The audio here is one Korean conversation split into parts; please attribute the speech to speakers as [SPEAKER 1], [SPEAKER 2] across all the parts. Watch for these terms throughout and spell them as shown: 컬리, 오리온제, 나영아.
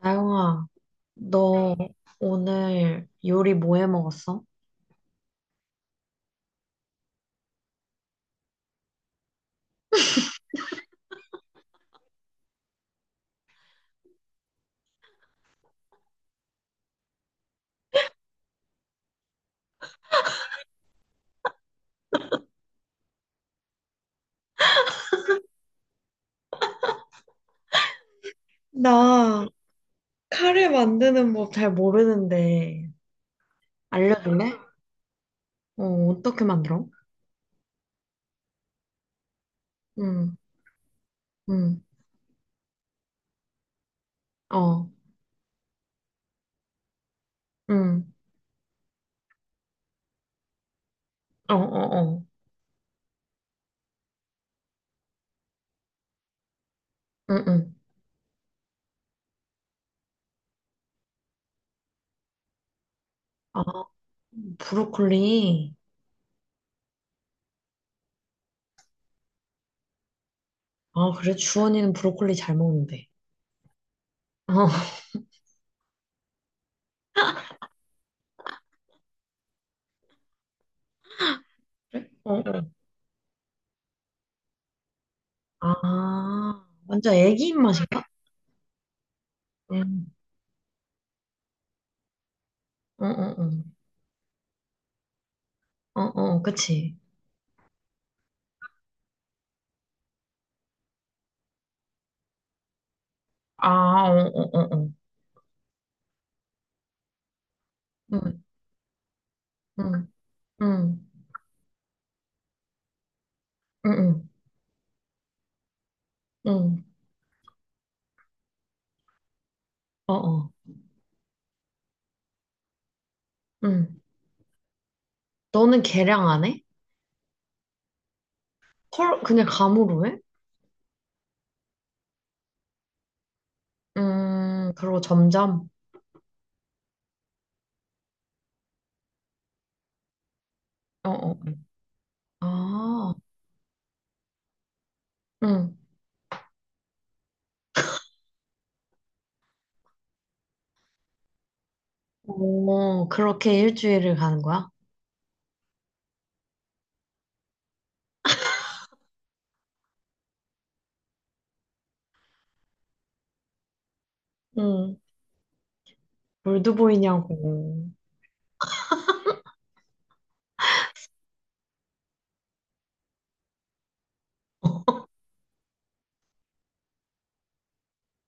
[SPEAKER 1] 나영아, 너 네. 오늘 요리 뭐 해 먹었어? 나 카레 만드는 법 잘 모르는데 알려줄래? 어, 어떻게 만들어? 응, 응, 어, 응, 어, 어, 어, 응, 응. 아, 브로콜리. 아, 그래? 주원이는 브로콜리 잘 먹는데. 어, 그래? 어, 어. 아, 완전 애기 입맛인가? 응, 어, 어, 어, 어, 어, 그치? 아, 어, 어, 어, 어. 응, 응, 응, 응, 응. 응, 어, 어, 응. 너는 계량 안 해? 헐, 그냥 감으로 해? 그리고 점점? 어, 어. 아, 응. 오, 그렇게 일주일을 가는 거야? 응. 물드보이냐고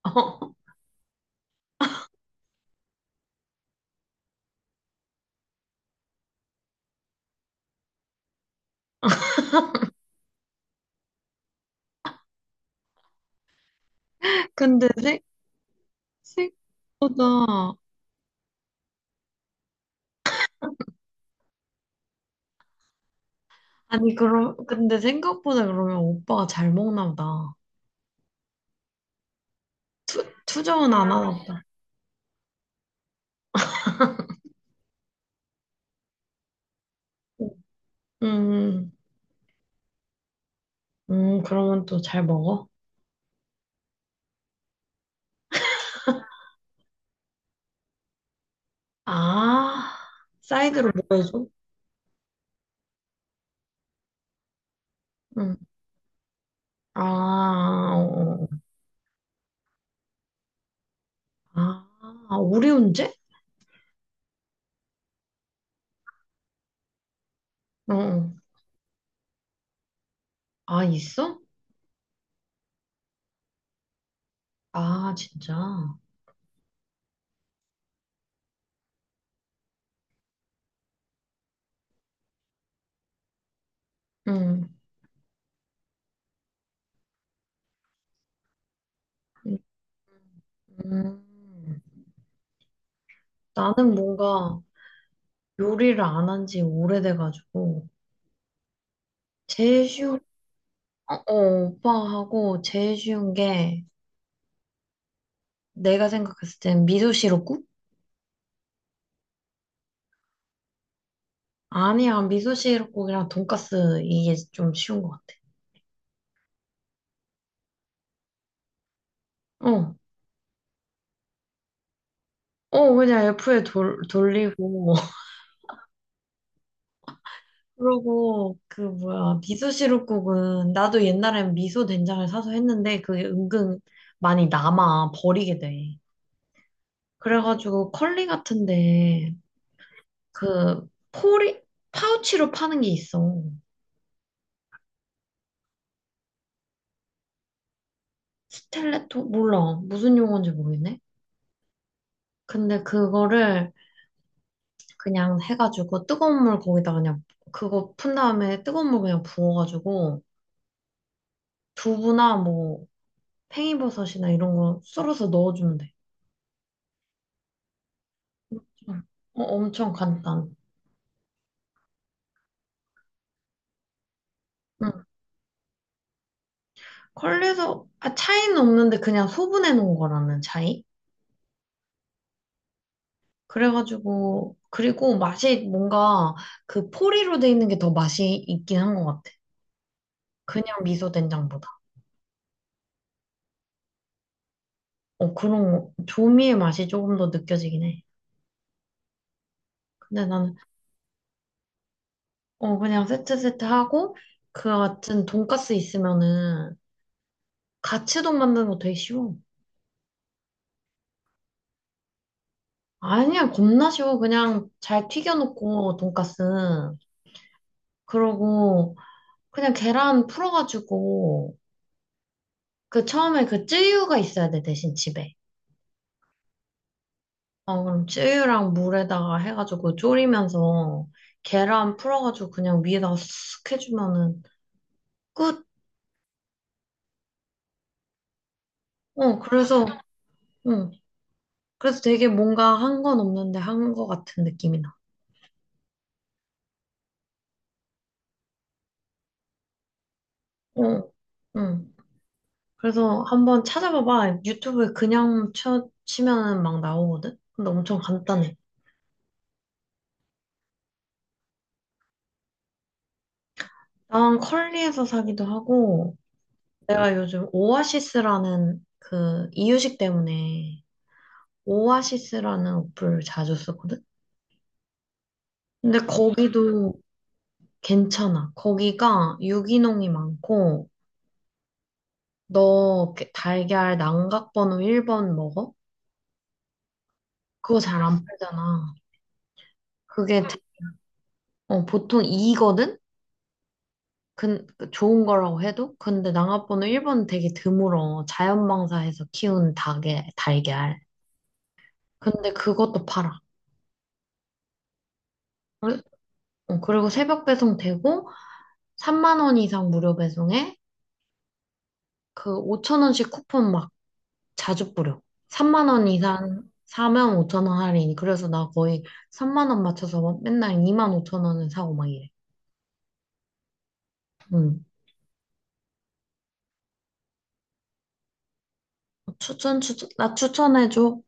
[SPEAKER 1] 근데 생각보다, 아니, 그럼, 근데 생각보다 그러면 오빠가 잘 먹나 보다. 투정은 안 하나 보다. 음, 그러면 또 잘 먹어? 아, 사이드로 뭐 해줘? 아, 어, 어. 아, 오리온제? 어, 어. 아, 있어? 아, 진짜. 응. 음, 음. 나는 뭔가 요리를 안 한 지 오래돼가지고, 제일 쉬운, 어, 어, 오빠하고 제일 쉬운 게, 내가 생각했을 땐 미소 시럽국? 아니야, 미소 시럽국이랑 돈까스 이게 좀 쉬운 것 같아. 어, 어, 그냥 F에 돌리고, 그러고 그 뭐야 미소 시루국은 나도 옛날엔 미소 된장을 사서 했는데 그게 은근 많이 남아 버리게 돼. 그래가지고 컬리 같은데 그 포리 파우치로 파는 게 있어. 스텔레토 몰라 무슨 용어인지 모르겠네. 근데 그거를 그냥 해가지고 뜨거운 물 거기다 그냥 그거 푼 다음에 뜨거운 물 그냥 부어가지고 두부나 뭐 팽이버섯이나 이런 거 썰어서 넣어주면 돼. 응. 어, 엄청 간단. 응. 컬리에서 아, 차이는 없는데 그냥 소분해 놓은 거라는 차이? 그래가지고 그리고 맛이 뭔가 그 포리로 돼 있는 게 더 맛이 있긴 한 것 같아. 그냥 미소 된장보다. 어 조미의 맛이 조금 더 느껴지긴 해. 근데 나는 어 그냥 세트 세트 하고 그 같은 돈가스 있으면은 가츠동 만드는 거 되게 쉬워. 아니야 겁나 쉬워. 그냥 잘 튀겨놓고 돈가스 그러고 그냥 계란 풀어가지고 그 처음에 그 쯔유가 있어야 돼, 대신 집에. 어, 그럼 쯔유랑 물에다가 해가지고 졸이면서 계란 풀어가지고 그냥 위에다가 쓱 해주면은 끝. 어, 그래서, 응. 그래서 되게 뭔가 한 건 없는데 한 거 같은 느낌이 나. 어, 응. 그래서 한번 찾아봐봐. 유튜브에 그냥 치면은 막 나오거든? 근데 엄청 간단해. 난 컬리에서 사기도 하고, 내가 요즘 오아시스라는 그 이유식 때문에 오아시스라는 어플 자주 쓰거든? 근데 거기도 괜찮아. 거기가 유기농이 많고, 너 달걀 난각번호 1번 먹어? 그거 잘 안 팔잖아. 그게 대- 보통 2거든? 근, 그 좋은 거라고 해도? 근데 난각번호 1번은 되게 드물어. 자연방사해서 키운 닭의 달걀. 근데 그것도 팔아. 그리- 그리고 새벽 배송 되고, 3만 원 이상 무료 배송에 그 5천 원씩 쿠폰 막 자주 뿌려. 3만 원 이상 사면 5천 원 할인. 그래서 나 거의 3만 원 맞춰서 막 맨날 2만 5천 원을 사고 막 이래. 응. 추천, 추천, 나 추천해줘.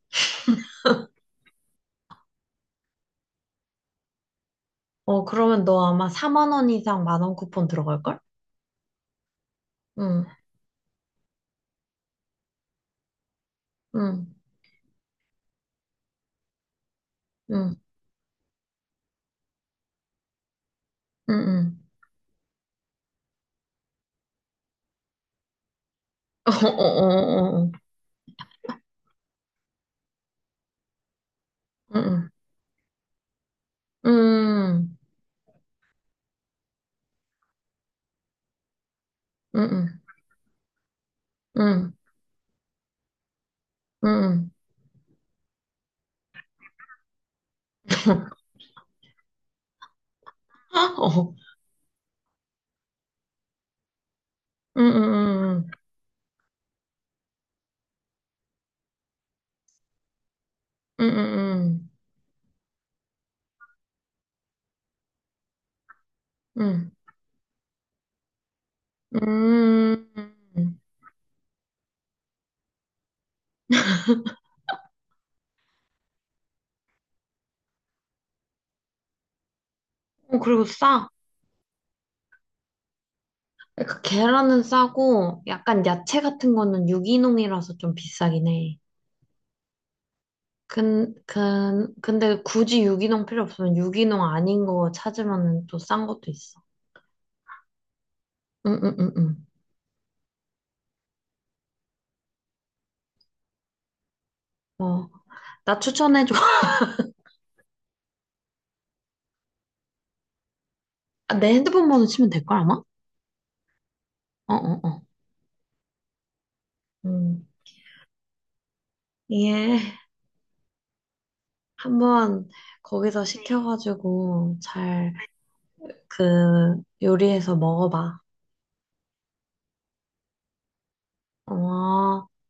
[SPEAKER 1] 어, 그러면 너 아마 4만 원 이상 1만 원 쿠폰 들어갈걸? 응, 응, 응, 응, 응. 어, 어, 어, 어, 어. 응, 응, 응, 응, 응, 응, 응. 어, 응, 응, 응, 응, 응, 응, 응. 응. 응. 어, 그리고 싸. 그러니까 계란은 싸고 약간 야채 같은 거는 유기농이라서 좀 비싸긴 해. 근데 굳이 유기농 필요 없으면 유기농 아닌 거 찾으면 또 싼 것도 있어. 응, 응, 응, 응. 어, 나 추천해줘. 아, 내 핸드폰 번호 치면 될 걸, 아마? 어, 어, 어. 음. 예. 한번 거기서 시켜가지고 잘 그 요리해서 먹어봐. 어.